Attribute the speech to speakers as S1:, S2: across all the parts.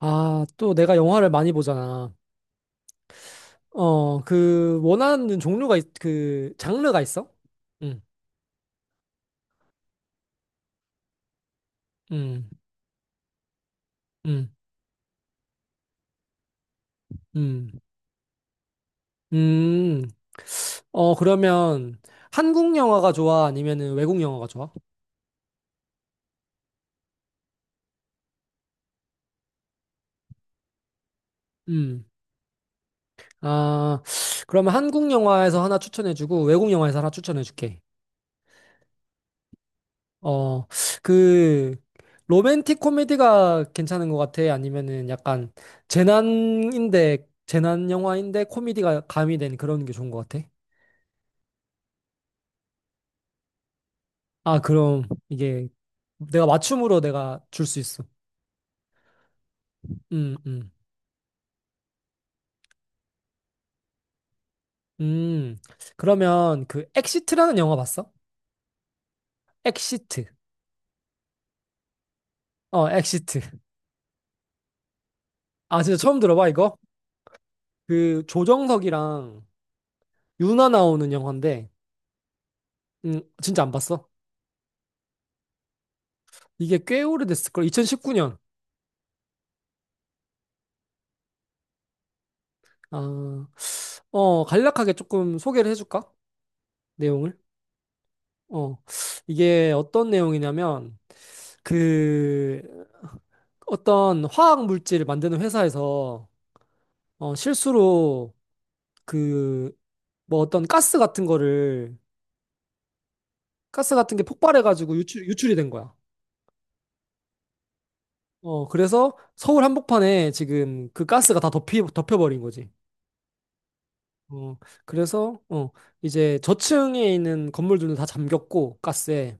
S1: 아, 또 내가 영화를 많이 보잖아. 어, 원하는 장르가 있어? 응, 응, 응, 응, 음. 어, 그러면 한국 영화가 좋아? 아니면은 외국 영화가 좋아? 음. 아, 그러면 한국 영화에서 하나 추천해주고 외국 영화에서 하나 추천해줄게. 어, 그, 로맨틱 코미디가 괜찮은 것 같아? 아니면은 약간 재난 영화인데 코미디가 가미된 그런 게 좋은 것 같아? 아, 그럼 이게 내가 맞춤으로 내가 줄 수 있어. 음, 음, 음. 그러면 그 엑시트라는 영화 봤어? 엑시트. 어, 엑시트. 아, 진짜 처음 들어봐, 이거? 그 조정석이랑 윤아 나오는 영화인데, 진짜 안 봤어? 이게 꽤 오래됐을걸? 2019년. 아, 어, 간략하게 조금 소개를 해줄까? 내용을. 어, 이게 어떤 내용이냐면, 그 어떤 화학 물질을 만드는 회사에서 어, 실수로 그, 뭐 어떤 가스 같은 거를, 가스 같은 게 폭발해가지고 유출이 된 거야. 어, 그래서 서울 한복판에 지금 그 가스가 다 덮여버린 거지. 어, 그래서, 어, 이제 저층에 있는 건물들은 다 잠겼고, 가스에.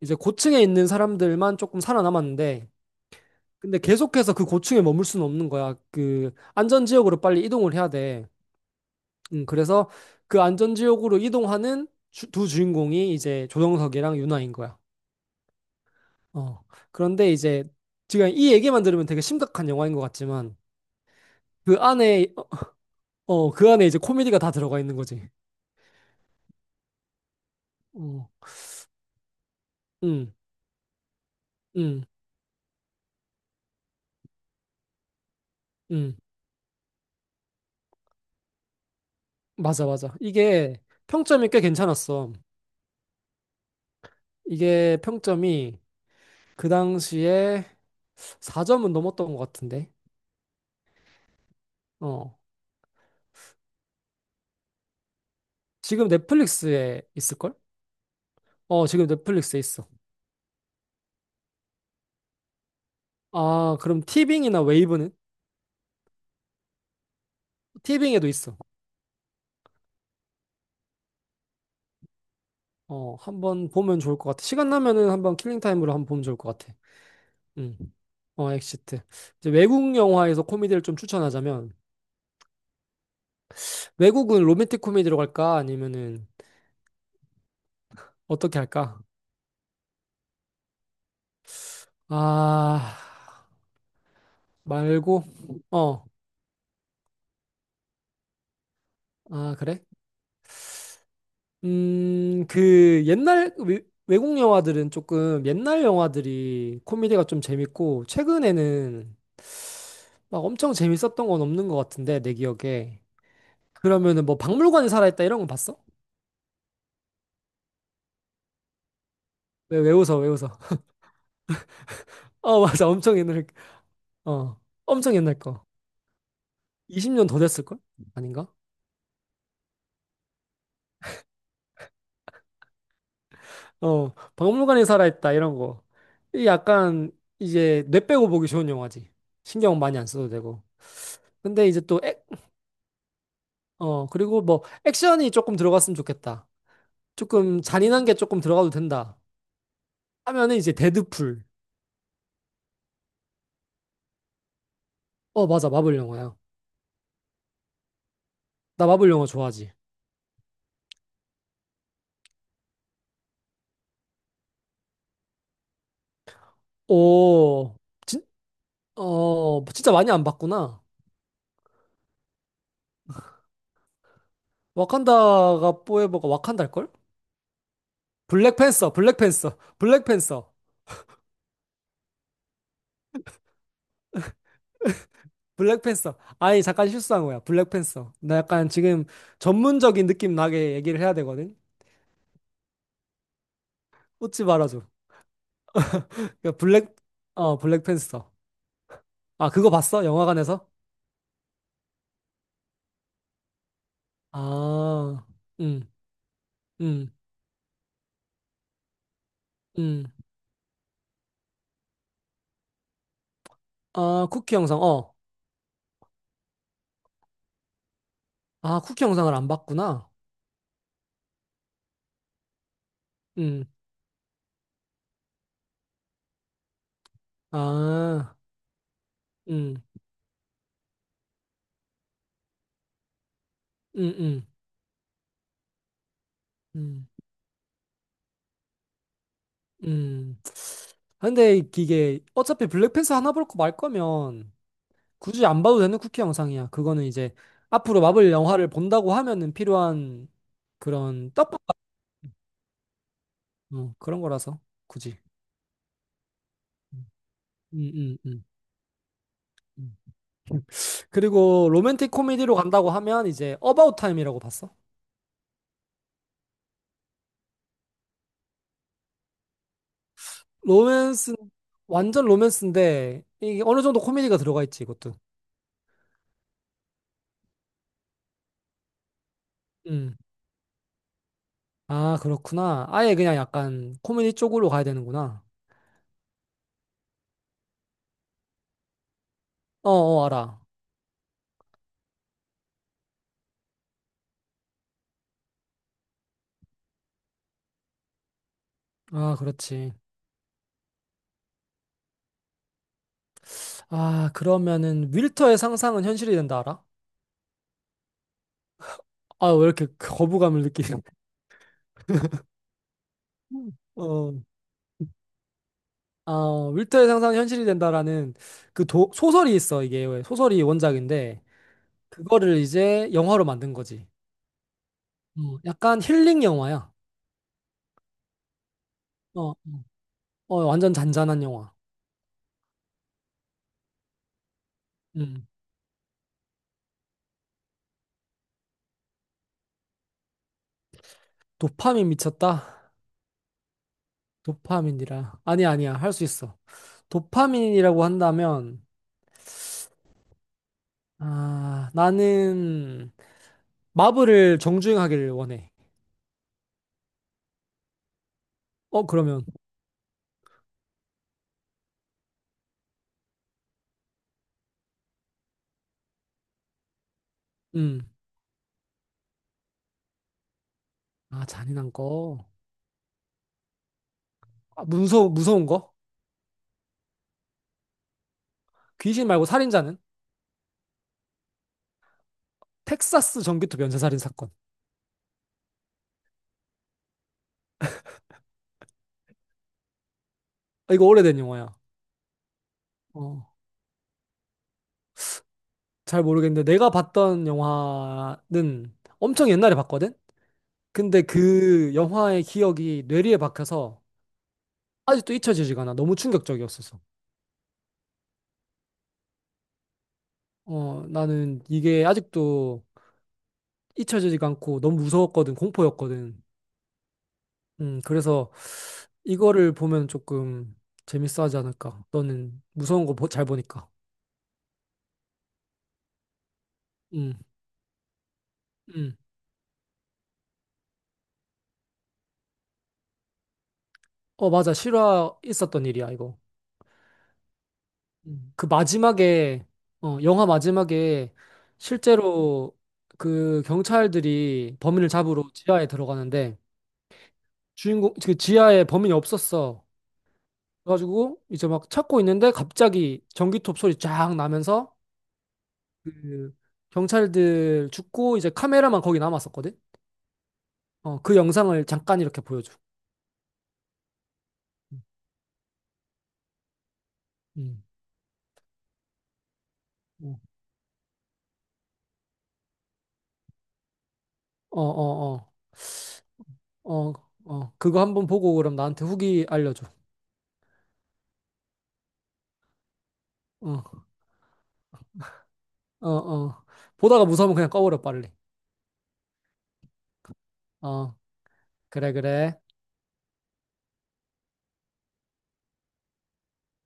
S1: 이제 고층에 있는 사람들만 조금 살아남았는데, 근데 계속해서 그 고층에 머물 수는 없는 거야. 그 안전지역으로 빨리 이동을 해야 돼. 그래서 그 안전지역으로 이동하는 두 주인공이 이제 조정석이랑 윤아인 거야. 어. 그런데 이제 지금 이 얘기만 들으면 되게 심각한 영화인 것 같지만 그 안에 어, 그 안에 이제 코미디가 다 들어가 있는 거지. 어. 음, 음, 음. 맞아, 맞아. 이게 평점이 꽤 괜찮았어. 이게 평점이 그 당시에 4점은 넘었던 것 같은데. 어. 지금 넷플릭스에 있을걸? 어, 지금 넷플릭스에 있어. 아, 그럼 티빙이나 웨이브는? 티빙에도 있어. 어, 한번 보면 좋을 것 같아. 시간 나면은 한번 킬링 타임으로 한번 보면 좋을 것 같아. 음. 어, 엑시트. 이제 외국 영화에서 코미디를 좀 추천하자면 외국은 로맨틱 코미디로 갈까? 아니면은 어떻게 할까? 아, 말고 어. 아, 그래? 음, 그 옛날 외, 외국 영화들은 조금 옛날 영화들이 코미디가 좀 재밌고 최근에는 막 엄청 재밌었던 건 없는 것 같은데 내 기억에. 그러면은 뭐 박물관에 살아있다 이런 거 봤어? 왜 웃어? 어, 맞아. 어, 엄청 옛날 거. 20년 더 됐을걸? 아닌가? 어, 박물관에 살아있다 이런 거. 이 약간 이제 뇌 빼고 보기 좋은 영화지. 신경 많이 안 써도 되고. 근데 이제 어, 그리고 뭐 액션이 조금 들어갔으면 좋겠다. 조금 잔인한 게 조금 들어가도 된다. 하면은 이제 데드풀. 어, 맞아. 마블 영화야. 나 마블 영화 좋아하지. 오, 진, 어, 진짜 많이 안 봤구나. 와칸다가 포에버가 와칸달걸? 블랙팬서, 블랙팬서, 블랙팬서, 블랙팬서. 아니, 잠깐 실수한 거야. 블랙팬서. 나 약간 지금 전문적인 느낌 나게 얘기를 해야 되거든? 웃지 말아줘. 그 블랙, 어, 블랙팬서. 아, 그거 봤어? 영화관에서? 아, 음, 음, 음. 아, 쿠키 영상, 어. 아, 쿠키 영상을 안 봤구나. 음, 아, 응 음, 음, 음, 음. 근데 이게 어차피 블랙팬서 하나 볼 거 말 거면 굳이 안 봐도 되는 쿠키 영상이야. 그거는 이제 앞으로 마블 영화를 본다고 하면은 필요한 그런 떡밥 어, 그런 거라서 굳이. 음, 음, 음. 음. 그리고 로맨틱 코미디로 간다고 하면 이제 어바웃 타임이라고 봤어. 로맨스 완전 로맨스인데 이게 어느 정도 코미디가 들어가 있지 이것도. 음. 아, 그렇구나. 아예 그냥 약간 코미디 쪽으로 가야 되는구나. 어, 어, 알아. 아, 그렇지. 아, 그러면은 윌터의 상상은 현실이 된다 알아? 아, 왜 이렇게 거부감을 느끼지? 어, 아, 윌터의 상상이 현실이 된다라는 소설이 있어, 이게. 소설이 원작인데, 그거를 이제 영화로 만든 거지. 어, 약간 힐링 영화야. 어, 어, 완전 잔잔한 영화. 음. 도파민 미쳤다? 도파민이라. 아니야, 아니야. 할 수 있어. 도파민이라고 한다면, 아, 나는 마블을 정주행하기를 원해. 어, 그러면, 음. 아, 잔인한 거. 아, 무서운 거? 귀신 말고 살인자는? 텍사스 전기톱 연쇄살인 사건. 아, 이거 오래된 영화야. 어, 잘 모르겠는데 내가 봤던 영화는 엄청 옛날에 봤거든? 근데 그 영화의 기억이 뇌리에 박혀서 아직도 잊혀지지가 않아. 너무 충격적이었어서. 어, 나는 이게 아직도 잊혀지지가 않고 너무 무서웠거든. 공포였거든. 그래서 이거를 보면 조금 재밌어 하지 않을까. 너는 무서운 거 잘 보니까. 음, 음. 어, 맞아. 실화 있었던 일이야, 이거. 음. 그 마지막에, 어, 영화 마지막에 실제로 그 경찰들이 범인을 잡으러 지하에 들어가는데 주인공, 그 지하에 범인이 없었어. 그래가지고 이제 막 찾고 있는데 갑자기 전기톱 소리 쫙 나면서 그 경찰들 죽고 이제 카메라만 거기 남았었거든? 어, 그 영상을 잠깐 이렇게 보여줘. 음. 어, 어, 어, 어, 어, 그거 한번 보고 그럼 나한테 후기 알려줘. 어, 어, 어. 보다가 무서우면 그냥 꺼버려, 빨리. 어, 그래, 그래.